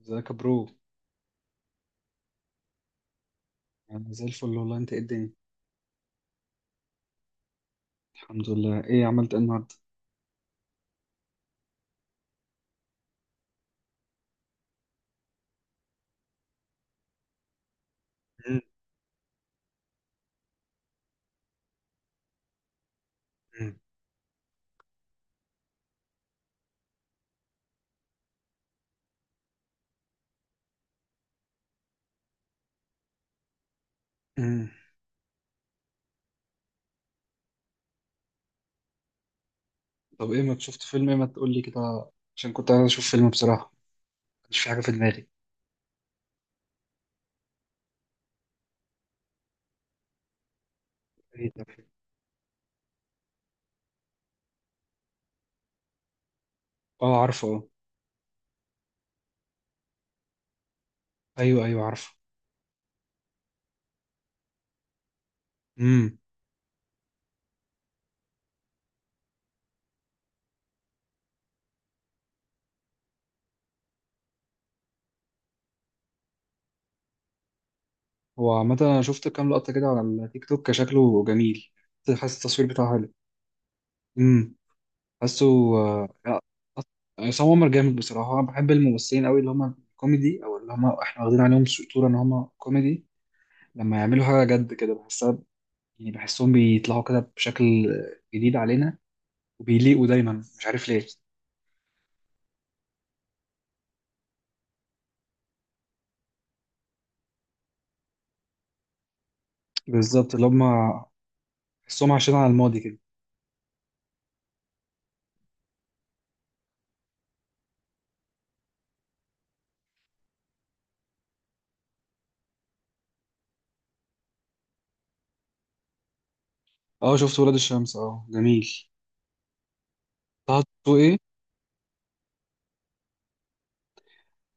ازيك يا برو؟ انا زي الفل والله. انت ايه الدنيا؟ الحمد لله. ايه عملت ايه النهارده؟ مم. مم. امم. طب ايه ما شفت فيلم؟ ايه ما تقول لي كده عشان كنت عايز اشوف فيلم بصراحه. مش في حاجه في دماغي. إيه ده؟ اه، عارفه، اه. ايوه، ايوه، عارفه. امم. هو عامه انا شفت كام لقطه كده على التيك توك، شكله جميل. حاسس التصوير بتاعه حلو. امم. حاسه. لا. أص- عصام عمر جامد بصراحه، انا بحب الممثلين قوي اللي هم كوميدي او اللي هم احنا واخدين عليهم صوره ان هم كوميدي. لما يعملوا حاجه جد كده بحسها، يعني بحسهم بيطلعوا كده بشكل جديد علينا وبيليقوا دايما، مش عارف ليه. بالظبط، اللي هم بحسهم عايشين على الماضي كده. اه شفت ولاد الشمس، اه جميل. طه دسوقي إيه؟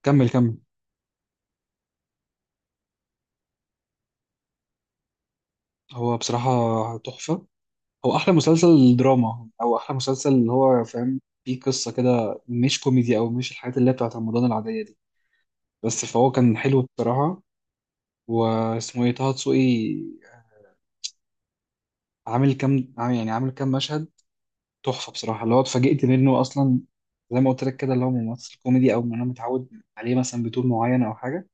كمل كمل. هو بصراحة تحفة. هو أحلى مسلسل دراما أو أحلى مسلسل اللي هو فاهم فيه قصة كده، مش كوميدي أو مش الحاجات اللي هي بتاعت رمضان العادية دي. بس فهو كان حلو بصراحة. واسمه إيه؟ طه دسوقي. يعني عامل كام مشهد. تحفه بصراحه، اللي هو اتفاجئت منه اصلا. زي ما قلت لك كده، اللي هو ممثل كوميدي او انا متعود عليه مثلا بطول معين او حاجه.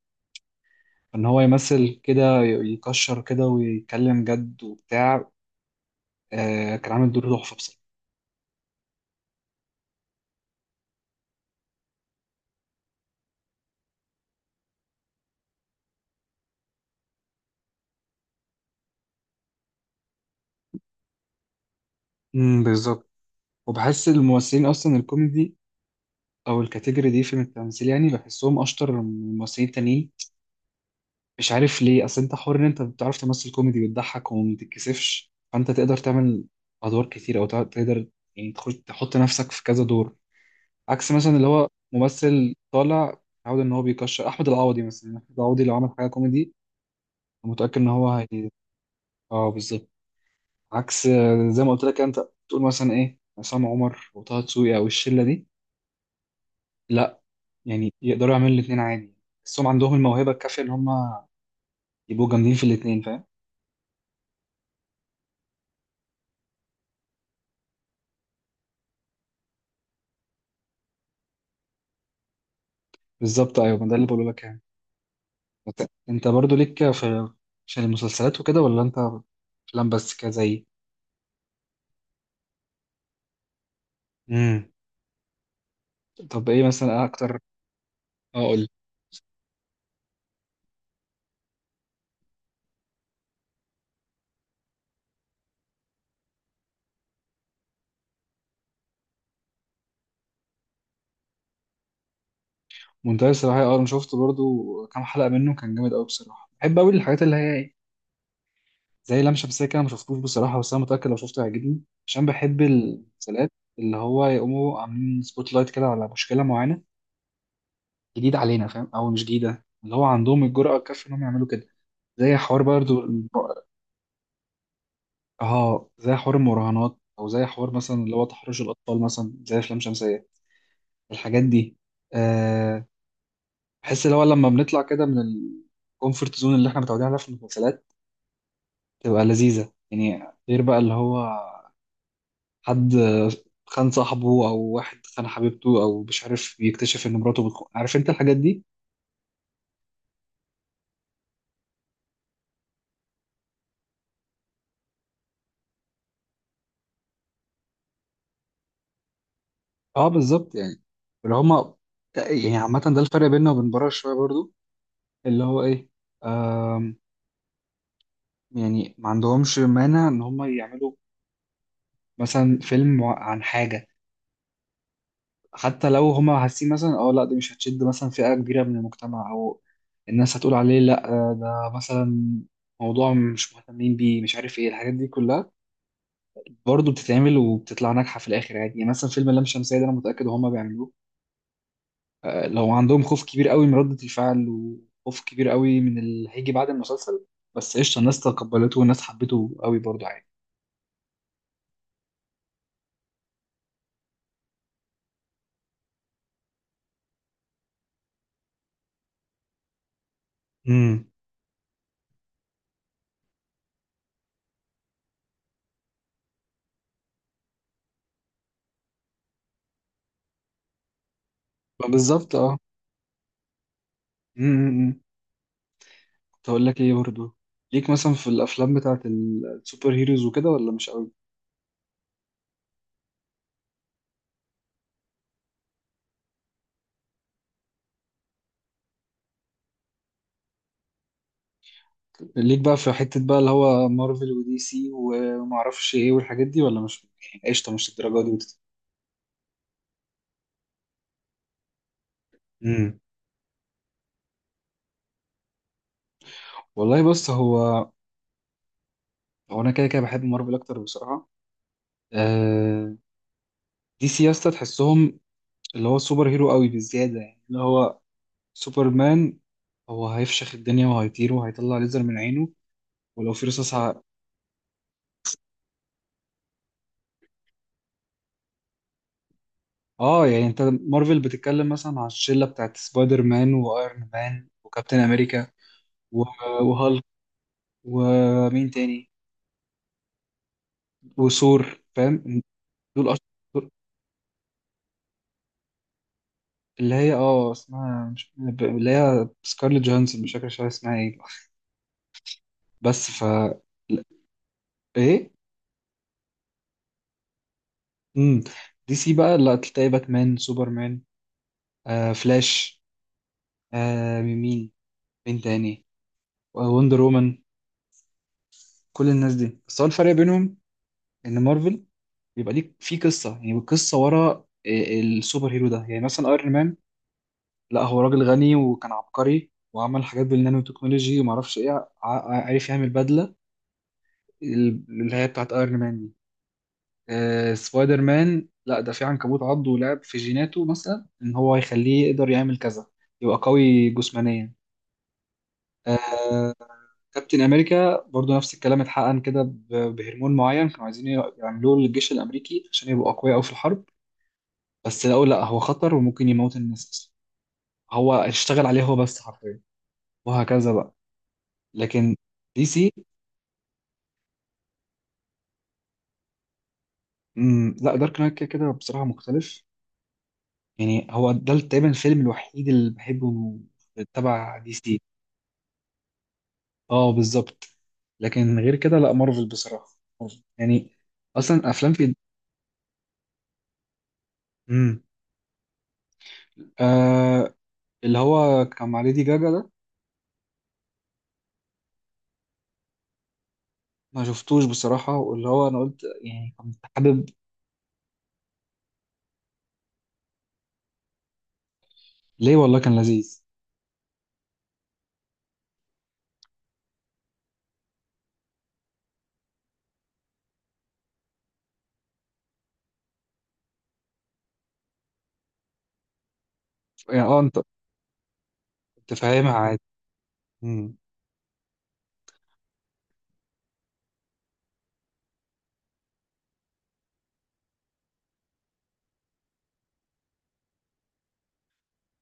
ان هو يمثل كده، يكشر كده ويتكلم جد وبتاع. آه كان عامل دور تحفه بصراحه. امم، بالظبط. وبحس الممثلين اصلا الكوميدي او الكاتيجوري دي في التمثيل، يعني بحسهم اشطر من الممثلين التانيين. مش عارف ليه. اصل انت حر ان انت بتعرف تمثل كوميدي، بتضحك وما بتتكسفش، فانت تقدر تعمل ادوار كتير او تقدر يعني تخش تحط نفسك في كذا دور. عكس مثلا اللي هو ممثل طالع متعود ان هو بيكشر، احمد العوضي مثلا. احمد العوضي لو عمل حاجه كوميدي أنا متاكد ان هو هي. اه، بالظبط. عكس، زي ما قلت لك انت. تقول مثلا ايه؟ عصام عمر وطه دسوقي او الشله دي. لا، يعني يقدروا يعملوا الاثنين عادي. بس هم عندهم الموهبه الكافيه ان هم يبقوا جامدين في الاثنين، فاهم. بالظبط، ايوه، ما ده اللي بقوله لك يعني. أنت برضو ليك في، عشان المسلسلات وكده، ولا انت افلام بس كده زي. امم. طب ايه مثلا اكتر. اه. منتهي الصراحة، اه انا شفت برضو كام حلقة منه، كان جامد قوي بصراحة. بحب قوي الحاجات اللي هي ايه؟ زي لام شمسية كده، ما شفتوش بصراحة، بس انا متأكد لو شفته هيعجبني عشان بحب المسلسلات اللي هو يقوموا عاملين سبوت لايت كده على مشكلة معينة جديدة علينا، فاهم، او مش جديدة، اللي هو عندهم الجرأة الكافية انهم يعملوا كده. زي حوار برضو. اه، زي حوار المراهنات او زي حوار مثلا اللي هو تحرش الاطفال، مثلا زي افلام شمسية. الحاجات دي. أه. بحس اللي هو لما بنطلع كده من الكومفورت زون اللي احنا متعودين عليها في المسلسلات، تبقى لذيذة يعني. غير بقى اللي هو حد خان صاحبه أو واحد خان حبيبته أو مش عارف يكتشف إن مراته بتخون، عارف أنت الحاجات دي؟ أه، بالظبط يعني. اللي هما يعني. عامة ده الفرق بيننا وبين بره شوية برضو. اللي هو إيه. آم. يعني ما عندهمش مانع إن هما يعملوا مثلا فيلم عن حاجة، حتى لو هما حاسين مثلا اه لا دي مش هتشد مثلا فئة كبيرة من المجتمع او الناس هتقول عليه لا ده مثلا موضوع مش مهتمين بيه، مش عارف ايه الحاجات دي كلها. برضه بتتعمل وبتطلع ناجحة في الآخر عادي. يعني مثلا فيلم اللام شمسية ده انا متأكد هما بيعملوه، لو عندهم خوف كبير قوي من ردة الفعل وخوف كبير قوي من اللي هيجي بعد المسلسل. بس قشطة، الناس تقبلته والناس حبته قوي برضه عادي. امم، بالظبط. اه. مم، مم، مم. تقول لك ايه برضو. ليك مثلا في الافلام بتاعت السوبر هيروز وكده، ولا مش قوي؟ ليك بقى في حتة بقى اللي هو مارفل ودي سي وما اعرفش ايه والحاجات دي، ولا مش يعني قشطة مش الدرجة دي. امم. والله بص هو. هو انا كده كده بحب مارفل اكتر بصراحة. آه، دي سي يا اسطى تحسهم اللي هو سوبر هيرو قوي بالزيادة، يعني اللي هو سوبرمان، هو هيفشخ الدنيا وهيطير وهيطلع ليزر من عينه ولو في رصاص. اه، يعني انت مارفل بتتكلم مثلا على الشله بتاعت سبايدر مان وايرون مان وكابتن امريكا و- وهالك، ومين تاني، وثور، فاهم. دول أش... دول- اللي هي اه اسمها مش ب- اللي هي سكارليت جوهانسون، مش فاكر شو اسمها ايه. بس ف لا، ايه. امم. دي سي بقى لا تلاقي باتمان، سوبرمان، فلاش، آه مين مين مين تاني، وندر وومن. كل الناس دي. بس هو الفرق بينهم ان مارفل بيبقى ليك في قصه. يعني القصه ورا السوبر هيرو ده. يعني مثلا ايرون مان، لا هو راجل غني وكان عبقري وعمل حاجات بالنانو تكنولوجي وما اعرفش ايه، عارف يعمل بدله اللي هي بتاعت ايرون مان دي. سبايدر مان، لا ده في عنكبوت عضه ولعب في جيناته مثلا، ان هو يخليه يقدر يعمل كذا، يبقى قوي جسمانيا. كابتن امريكا برضو نفس الكلام، اتحقن كده بهرمون معين كانوا عايزين يعملوه للجيش الامريكي عشان يبقوا اقوياء قوي في الحرب. بس لقوا لا هو خطر وممكن يموت الناس. هو اشتغل عليه هو بس حرفيا. وهكذا بقى. لكن. دي سي. لا دارك نايت كده كده بصراحة مختلف. يعني هو ده تقريبا الفيلم الوحيد اللي بحبه تبع دي سي. اه، بالظبط. لكن غير كده لا، مارفل بصراحة. مارفل. يعني اصلا افلام في. مم. آه اللي هو كان مع ليدي جاجا ده. ما شفتوش بصراحة، واللي هو انا قلت يعني كنت حابب. ليه؟ والله كان لذيذ يعني. اه، انت. كنت فاهمها عادي. مم.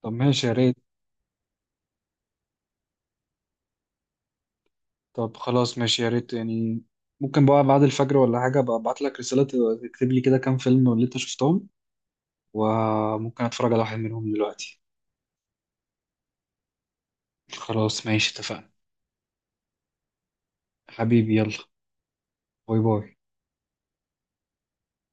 طب ماشي، يا ريت. طب خلاص، ماشي يا ريت يعني. ممكن بقى بعد الفجر ولا حاجة، أبقى أبعت لك رسالة تكتب لي كده كام فيلم اللي أنت شفتهم، وممكن أتفرج على واحد منهم دلوقتي. خلاص، ماشي، اتفقنا. حبيبي يلا. باي باي.